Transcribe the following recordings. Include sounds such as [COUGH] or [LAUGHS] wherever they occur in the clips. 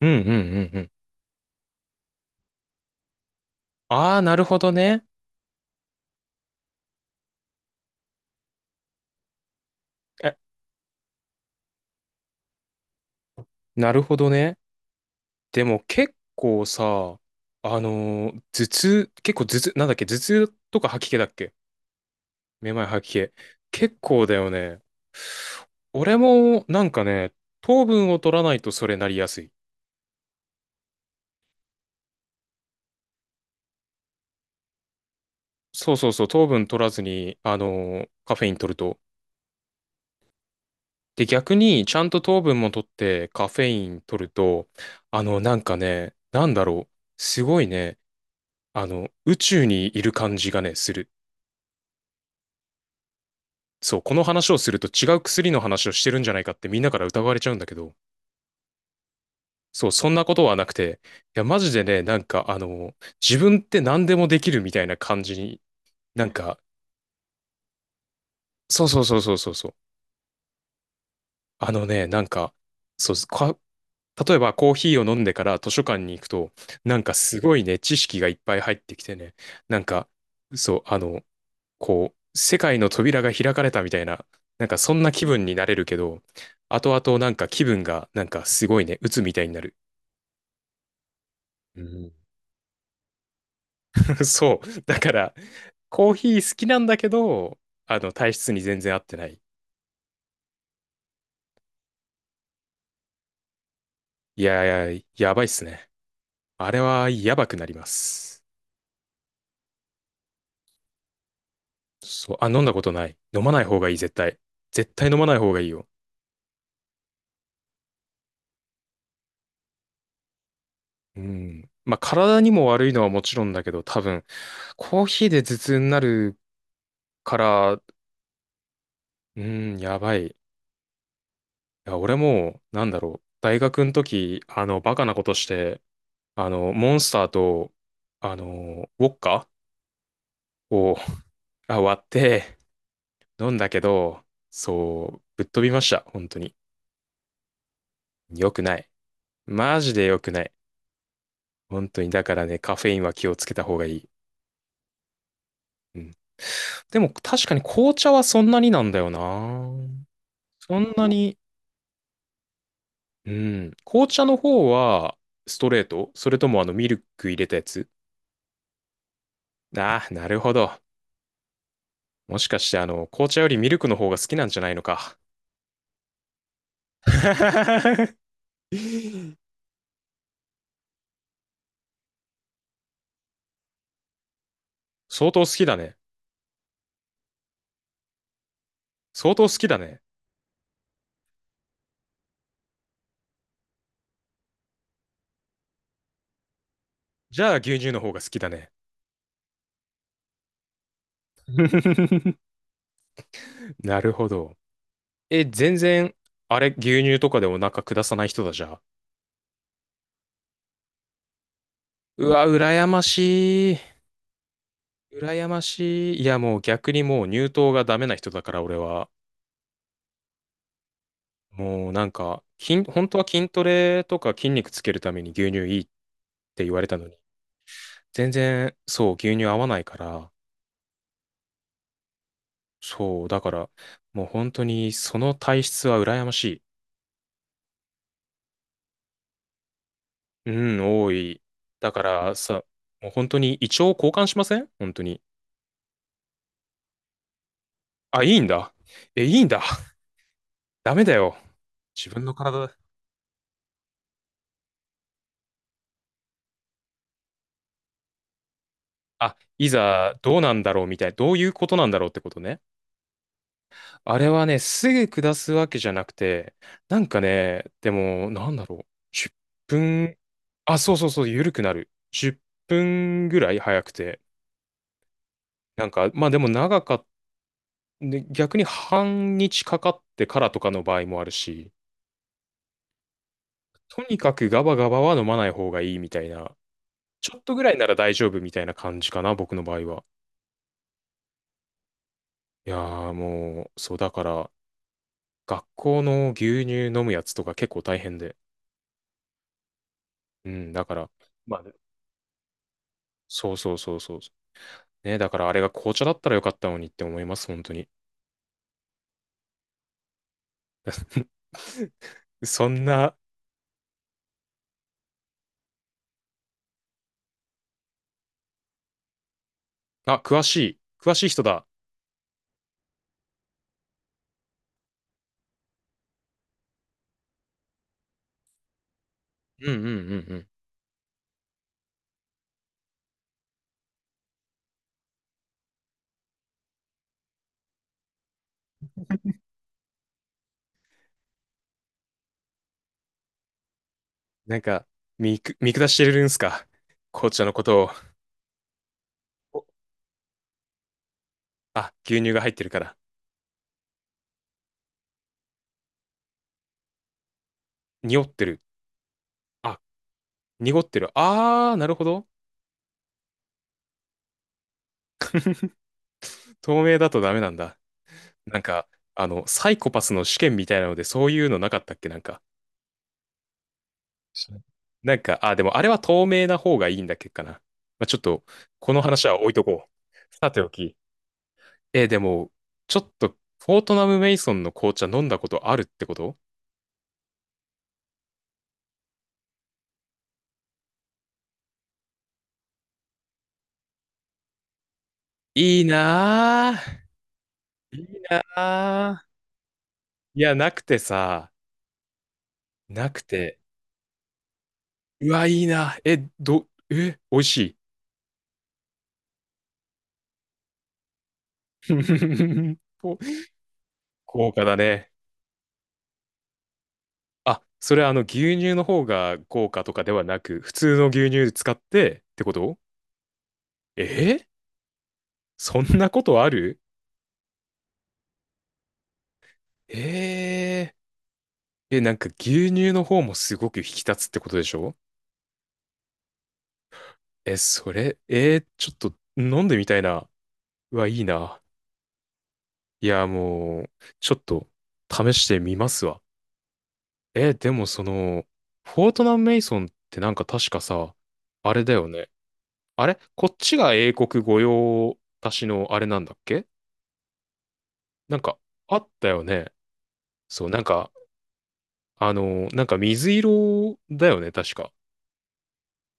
うんうんうんうん。ああ、なるほどね。え、なるほどね。でも結構さ、頭痛、結構頭痛、なんだっけ、頭痛とか吐き気だっけ、めまい吐き気。結構だよね。俺もなんかね、糖分を取らないとそれなりやすい。そうそうそう、糖分取らずに、カフェイン取ると。で、逆にちゃんと糖分も取ってカフェイン取ると、あの、なんかね、なんだろう。すごいね、あの、宇宙にいる感じがね、する。そう、この話をすると違う薬の話をしてるんじゃないかってみんなから疑われちゃうんだけど、そう、そんなことはなくて、いや、マジでね、なんか、あの、自分って何でもできるみたいな感じに、なんか、そうそうそうそうそうそう、あのね、なんか、そう、か、例えばコーヒーを飲んでから図書館に行くと、なんかすごいね、知識がいっぱい入ってきてね、なんか、そう、あの、こう、世界の扉が開かれたみたいな、なんかそんな気分になれるけど、後々なんか気分がなんかすごいね、鬱みたいになる。うん。 [LAUGHS] そう。だから、コーヒー好きなんだけど、あの、体質に全然合ってない。いやいや、やばいっすね。あれはやばくなります。そう。あ、飲んだことない。飲まない方がいい、絶対。絶対飲まない方がいいよ。うん。まあ、体にも悪いのはもちろんだけど、多分、コーヒーで頭痛になるから、うん、やばい。いや、俺も、なんだろう、大学の時、あの、バカなことして、あの、モンスターと、あの、ウォッカを [LAUGHS] あ、割って飲んだけど、そう、ぶっ飛びました、本当に。良くない。マジで良くない。本当に、だからね、カフェインは気をつけた方がいい。うん。でも、確かに紅茶はそんなになんだよな。そんなに、うん。紅茶の方は、ストレート、それともあの、ミルク入れたやつ？ああー、なるほど。もしかして、あの、紅茶よりミルクの方が好きなんじゃないのか。[LAUGHS] 相当好きだね。相当好きだね。じゃあ牛乳の方が好きだね。[LAUGHS] なるほど。え、全然、あれ、牛乳とかでお腹下さない人だじゃあ。うわ、羨ましい。羨ましい。いや、もう逆にもう乳糖がダメな人だから俺は。もうなんか、筋、本当は筋トレとか筋肉つけるために牛乳いいって言われたのに。全然、そう、牛乳合わないから。そう、だから、もう本当にその体質は羨ましい。うん、多い。だからさ、もう本当に胃腸交換しません本当に。あ、いいんだ。え、いいんだ。[LAUGHS] ダメだよ。自分の体、あ、いざどうなんだろうみたいな、どういうことなんだろうってことね。あれはね、すぐ下すわけじゃなくて、なんかね、でも、なんだろう。10分、あ、そうそうそう、緩くなる。10分ぐらい早くて。なんか、まあでも長かっで、逆に半日かかってからとかの場合もあるし、とにかくガバガバは飲まない方がいいみたいな、ちょっとぐらいなら大丈夫みたいな感じかな、僕の場合は。いやーもう、そうだから、学校の牛乳飲むやつとか結構大変で。うん、だから、まあね、そうそうそうそう。ね、だからあれが紅茶だったらよかったのにって思います、本当に。[LAUGHS] そんな、あ、詳しい。詳しい人だ。うんうんうんうん。なんか、見く、見下してるんすか？ [LAUGHS] 紅茶のことを。お、あ、牛乳が入ってるから。濁ってる。あ、濁ってる。あー、なるほど。透明だとダメなんだ。なんか、あの、サイコパスの試験みたいなので、そういうのなかったっけなんか。なんか、あ、でもあれは透明な方がいいんだっけかな。まあ、ちょっと、この話は置いとこう。さておき。えー、でも、ちょっと、フォートナム・メイソンの紅茶飲んだことあるってこと？いいなぁ。いいなぁ。いや、なくてさ、なくて。うわ、いいな。え、ど、え、美味しい？[LAUGHS] こ、高価だね。あ、それはあの牛乳の方が高価とかではなく、普通の牛乳使ってってこと？えー、そんなことある？えー、え、なんか牛乳の方もすごく引き立つってことでしょ？え、それ、えーちょっと飲んでみたいな。うわ、いいな。いや、もう、ちょっと試してみますわ。え、でもその、フォートナム・メイソンってなんか確かさ、あれだよね。あれこっちが英国御用達のあれなんだっけ？なんかあったよね。そう、なんか、あの、なんか水色だよね、確か。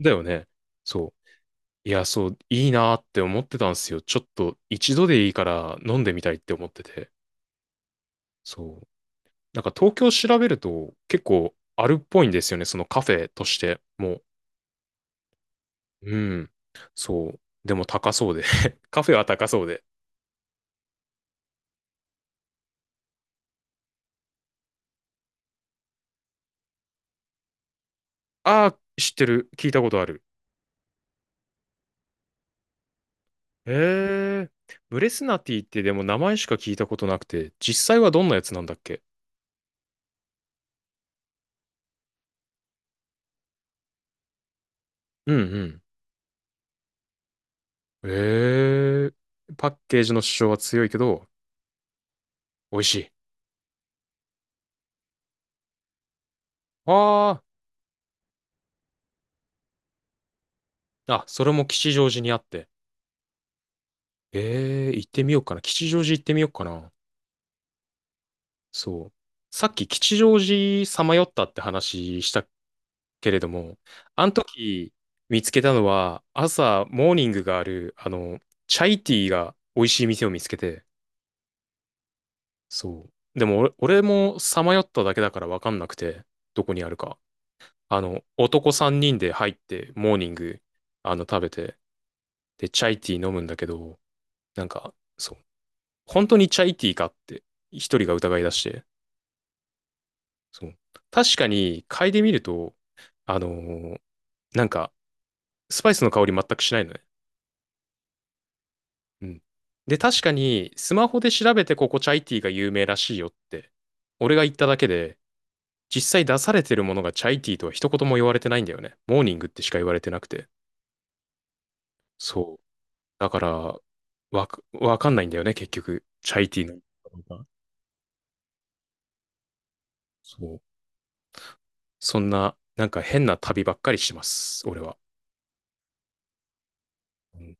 だよね。そう。いや、そう、いいなーって思ってたんですよ。ちょっと一度でいいから飲んでみたいって思ってて。そう。なんか東京調べると結構あるっぽいんですよね、そのカフェとして。もう、うん。そう。でも高そうで。[LAUGHS] カフェは高そうで。ああ、知ってる。聞いたことある。ええ。ブレスナティってでも名前しか聞いたことなくて、実際はどんなやつなんだっけ？うんうん。ええ。パッケージの主張は強いけど、美味しい。ああ。あ、それも吉祥寺にあって。ええ、行ってみようかな。吉祥寺行ってみようかな。そう。さっき吉祥寺さまよったって話したけれども、あの時見つけたのは、朝モーニングがある、あの、チャイティーが美味しい店を見つけて、そう。でも俺、俺もさまよっただけだから分かんなくて、どこにあるか。あの、男3人で入って、モーニング、あの、食べて、で、チャイティー飲むんだけど、なんか、そう。本当にチャイティーかって、一人が疑い出して、そう。確かに、嗅いでみると、あのーなんか、スパイスの香り全くしないのね。うん。で、確かに、スマホで調べてここチャイティーが有名らしいよって、俺が言っただけで、実際出されてるものがチャイティーとは一言も言われてないんだよね。モーニングってしか言われてなくて。そう。だから、わか、わかんないんだよね、結局。チャイティーの。そう。そんな、なんか変な旅ばっかりしてます、俺は。うん